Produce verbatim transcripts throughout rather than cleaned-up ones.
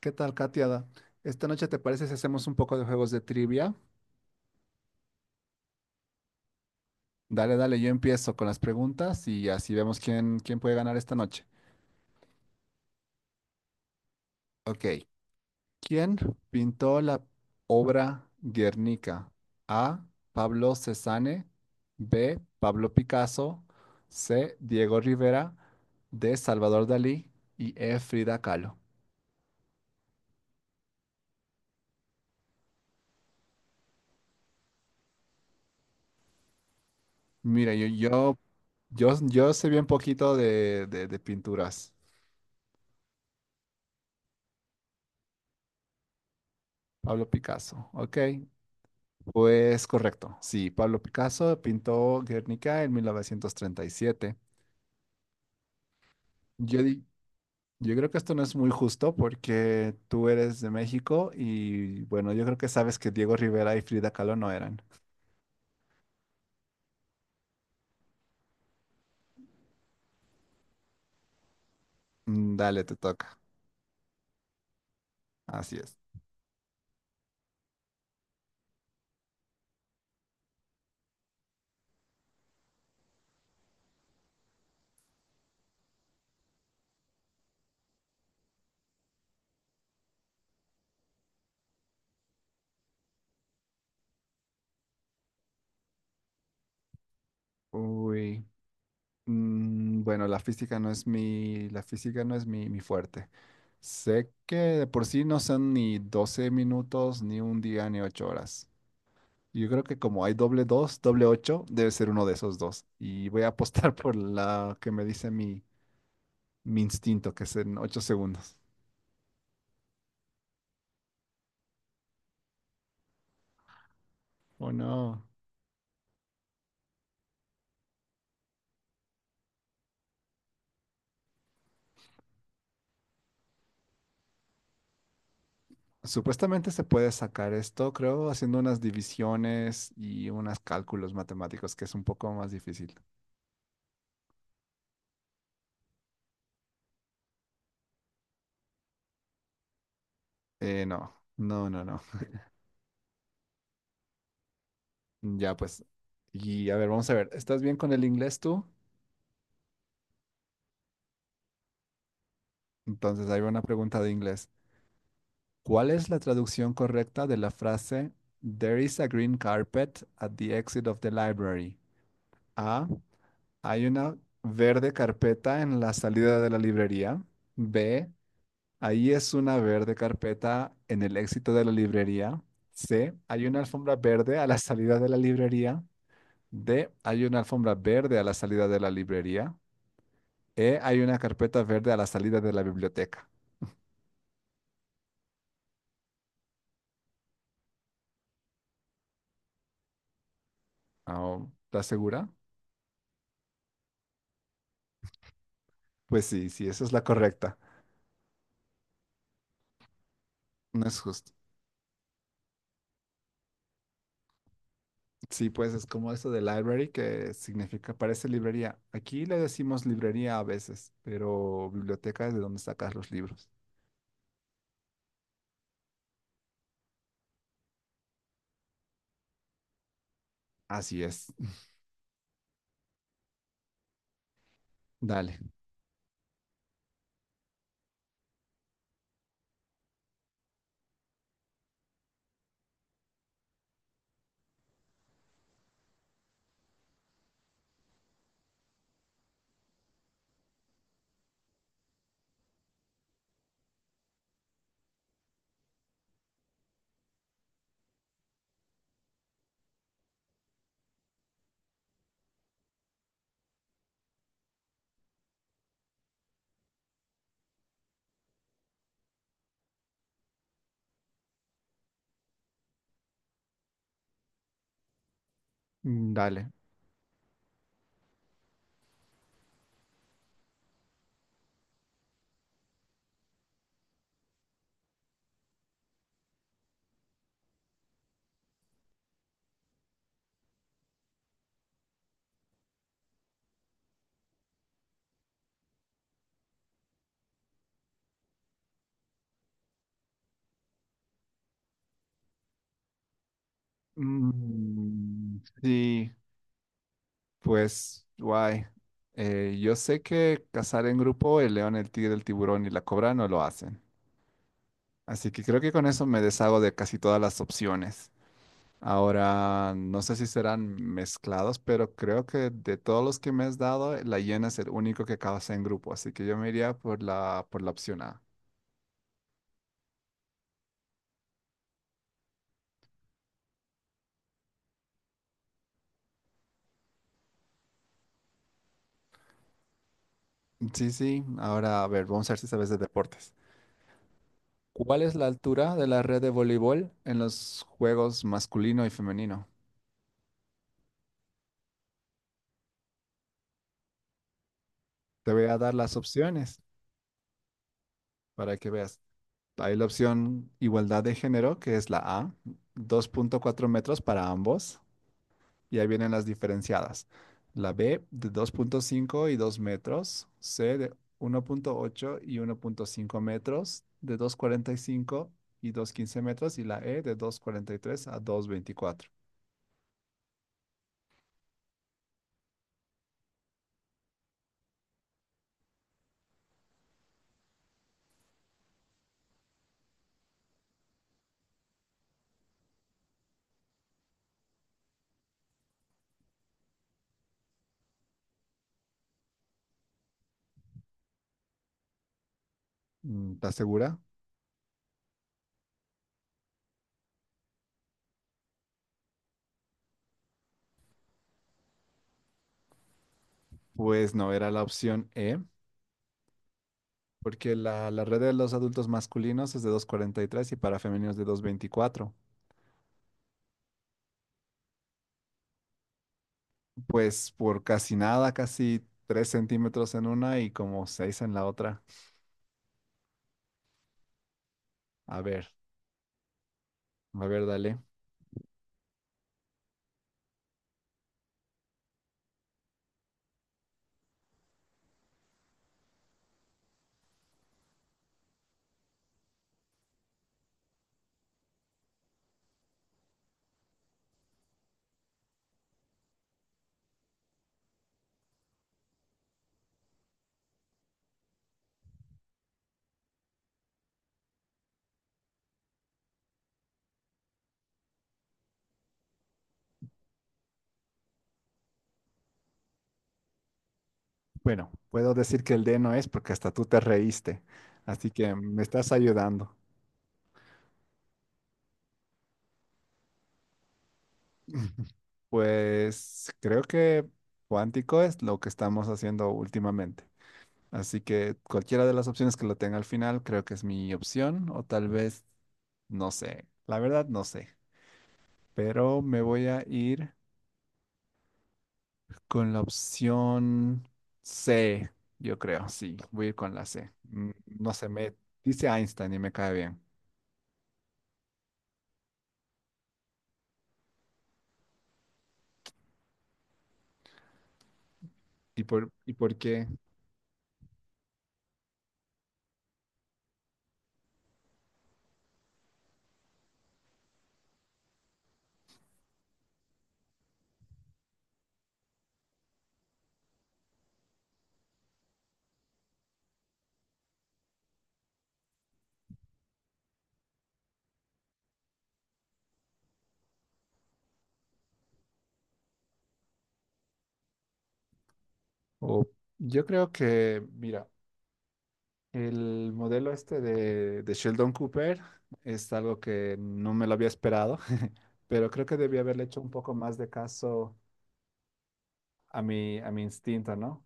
¿Qué tal, Katiada? ¿Esta noche te parece si hacemos un poco de juegos de trivia? Dale, dale, yo empiezo con las preguntas y así vemos quién, quién puede ganar esta noche. Ok. ¿Quién pintó la obra Guernica? A. Pablo Cézanne. B. Pablo Picasso. C. Diego Rivera. D. Salvador Dalí. Y E. Frida Kahlo. Mira, yo, yo, yo, yo sé bien poquito de, de de pinturas. Pablo Picasso. Ok, pues correcto, sí, Pablo Picasso pintó Guernica en mil novecientos treinta y siete. Yo, di- yo creo que esto no es muy justo porque tú eres de México y bueno, yo creo que sabes que Diego Rivera y Frida Kahlo no eran. Mm. Dale, te toca. Así es. Uy, mm, bueno, la física no es mi, la física no es mi, mi fuerte. Sé que de por sí no son ni doce minutos, ni un día, ni ocho horas. Yo creo que como hay doble dos, doble ocho, debe ser uno de esos dos. Y voy a apostar por la que me dice mi, mi instinto, que es en ocho segundos. Oh, no. Supuestamente se puede sacar esto, creo, haciendo unas divisiones y unos cálculos matemáticos, que es un poco más difícil. Eh, no, no, no, no. Ya pues. Y a ver, vamos a ver. ¿Estás bien con el inglés tú? Entonces, ahí va una pregunta de inglés. ¿Cuál es la traducción correcta de la frase There is a green carpet at the exit of the library? A. Hay una verde carpeta en la salida de la librería. B. Ahí es una verde carpeta en el éxito de la librería. C. Hay una alfombra verde a la salida de la librería. D. Hay una alfombra verde a la salida de la librería. E. Hay una carpeta verde a la salida de la biblioteca. Ah, ¿estás segura? Pues sí, sí, esa es la correcta. No es justo. Sí, pues es como eso de library, que significa, parece librería. Aquí le decimos librería a veces, pero biblioteca es de donde sacas los libros. Así es. Dale, mm, dale. Mm, sí, pues, guay. Eh, yo sé que cazar en grupo, el león, el tigre, el tiburón y la cobra no lo hacen. Así que creo que con eso me deshago de casi todas las opciones. Ahora, no sé si serán mezclados, pero creo que de todos los que me has dado, la hiena es el único que causa en grupo, así que yo me iría por la, por la opción A. Sí, sí, ahora a ver, vamos a ver si sabes de deportes. ¿Cuál es la altura de la red de voleibol en los juegos masculino y femenino? Te voy a dar las opciones para que veas. Hay la opción igualdad de género, que es la A, dos punto cuatro metros para ambos. Y ahí vienen las diferenciadas. La B de dos punto cinco y dos metros, C de uno punto ocho y uno punto cinco metros, de dos cuarenta y cinco y dos quince metros, y la E de dos cuarenta y tres a dos veinticuatro. Mm, ¿Estás segura? Pues no, era la opción E, porque la, la red de los adultos masculinos es de dos cuarenta y tres y para femeninos de dos veinticuatro. Pues por casi nada, casi tres centímetros en una y como seis en la otra. A ver, a ver, dale. Bueno, puedo decir que el D no es porque hasta tú te reíste, así que me estás ayudando. Pues creo que cuántico es lo que estamos haciendo últimamente. Así que cualquiera de las opciones que lo tenga al final creo que es mi opción o tal vez, no sé, la verdad no sé, pero me voy a ir con la opción C, yo creo, sí, voy a ir con la C. Mm, No sé, me dice Einstein y me cae bien. ¿Y por, y por qué? O yo creo que, mira, el modelo este de, de Sheldon Cooper es algo que no me lo había esperado, pero creo que debí haberle hecho un poco más de caso a mi, a mi instinto, ¿no?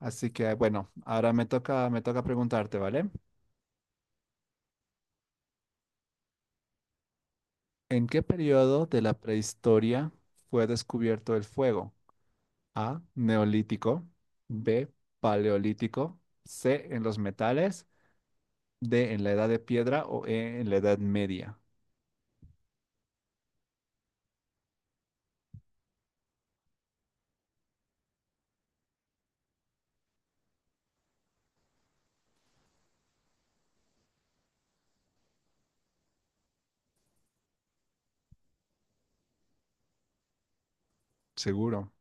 Así que, bueno, ahora me toca, me toca preguntarte, ¿vale? ¿En qué periodo de la prehistoria fue descubierto el fuego? A, neolítico, B, paleolítico, C, en los metales, D en la edad de piedra o E en la edad media. Seguro.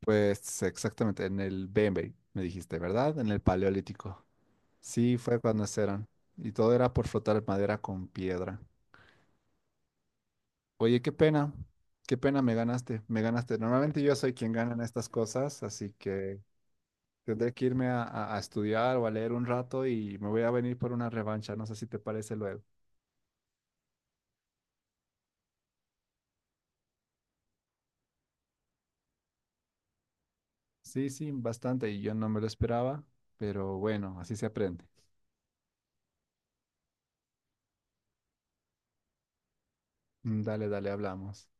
Pues exactamente, en el B, M B, me dijiste, ¿verdad? En el paleolítico. Sí, fue cuando eran. Y todo era por frotar madera con piedra. Oye, qué pena. Qué pena, me ganaste. Me ganaste. Normalmente yo soy quien gana en estas cosas, así que tendré que irme a, a a estudiar o a leer un rato y me voy a venir por una revancha. No sé si te parece luego. Sí, sí, bastante y yo no me lo esperaba, pero bueno, así se aprende. Mm, Dale, dale, hablamos.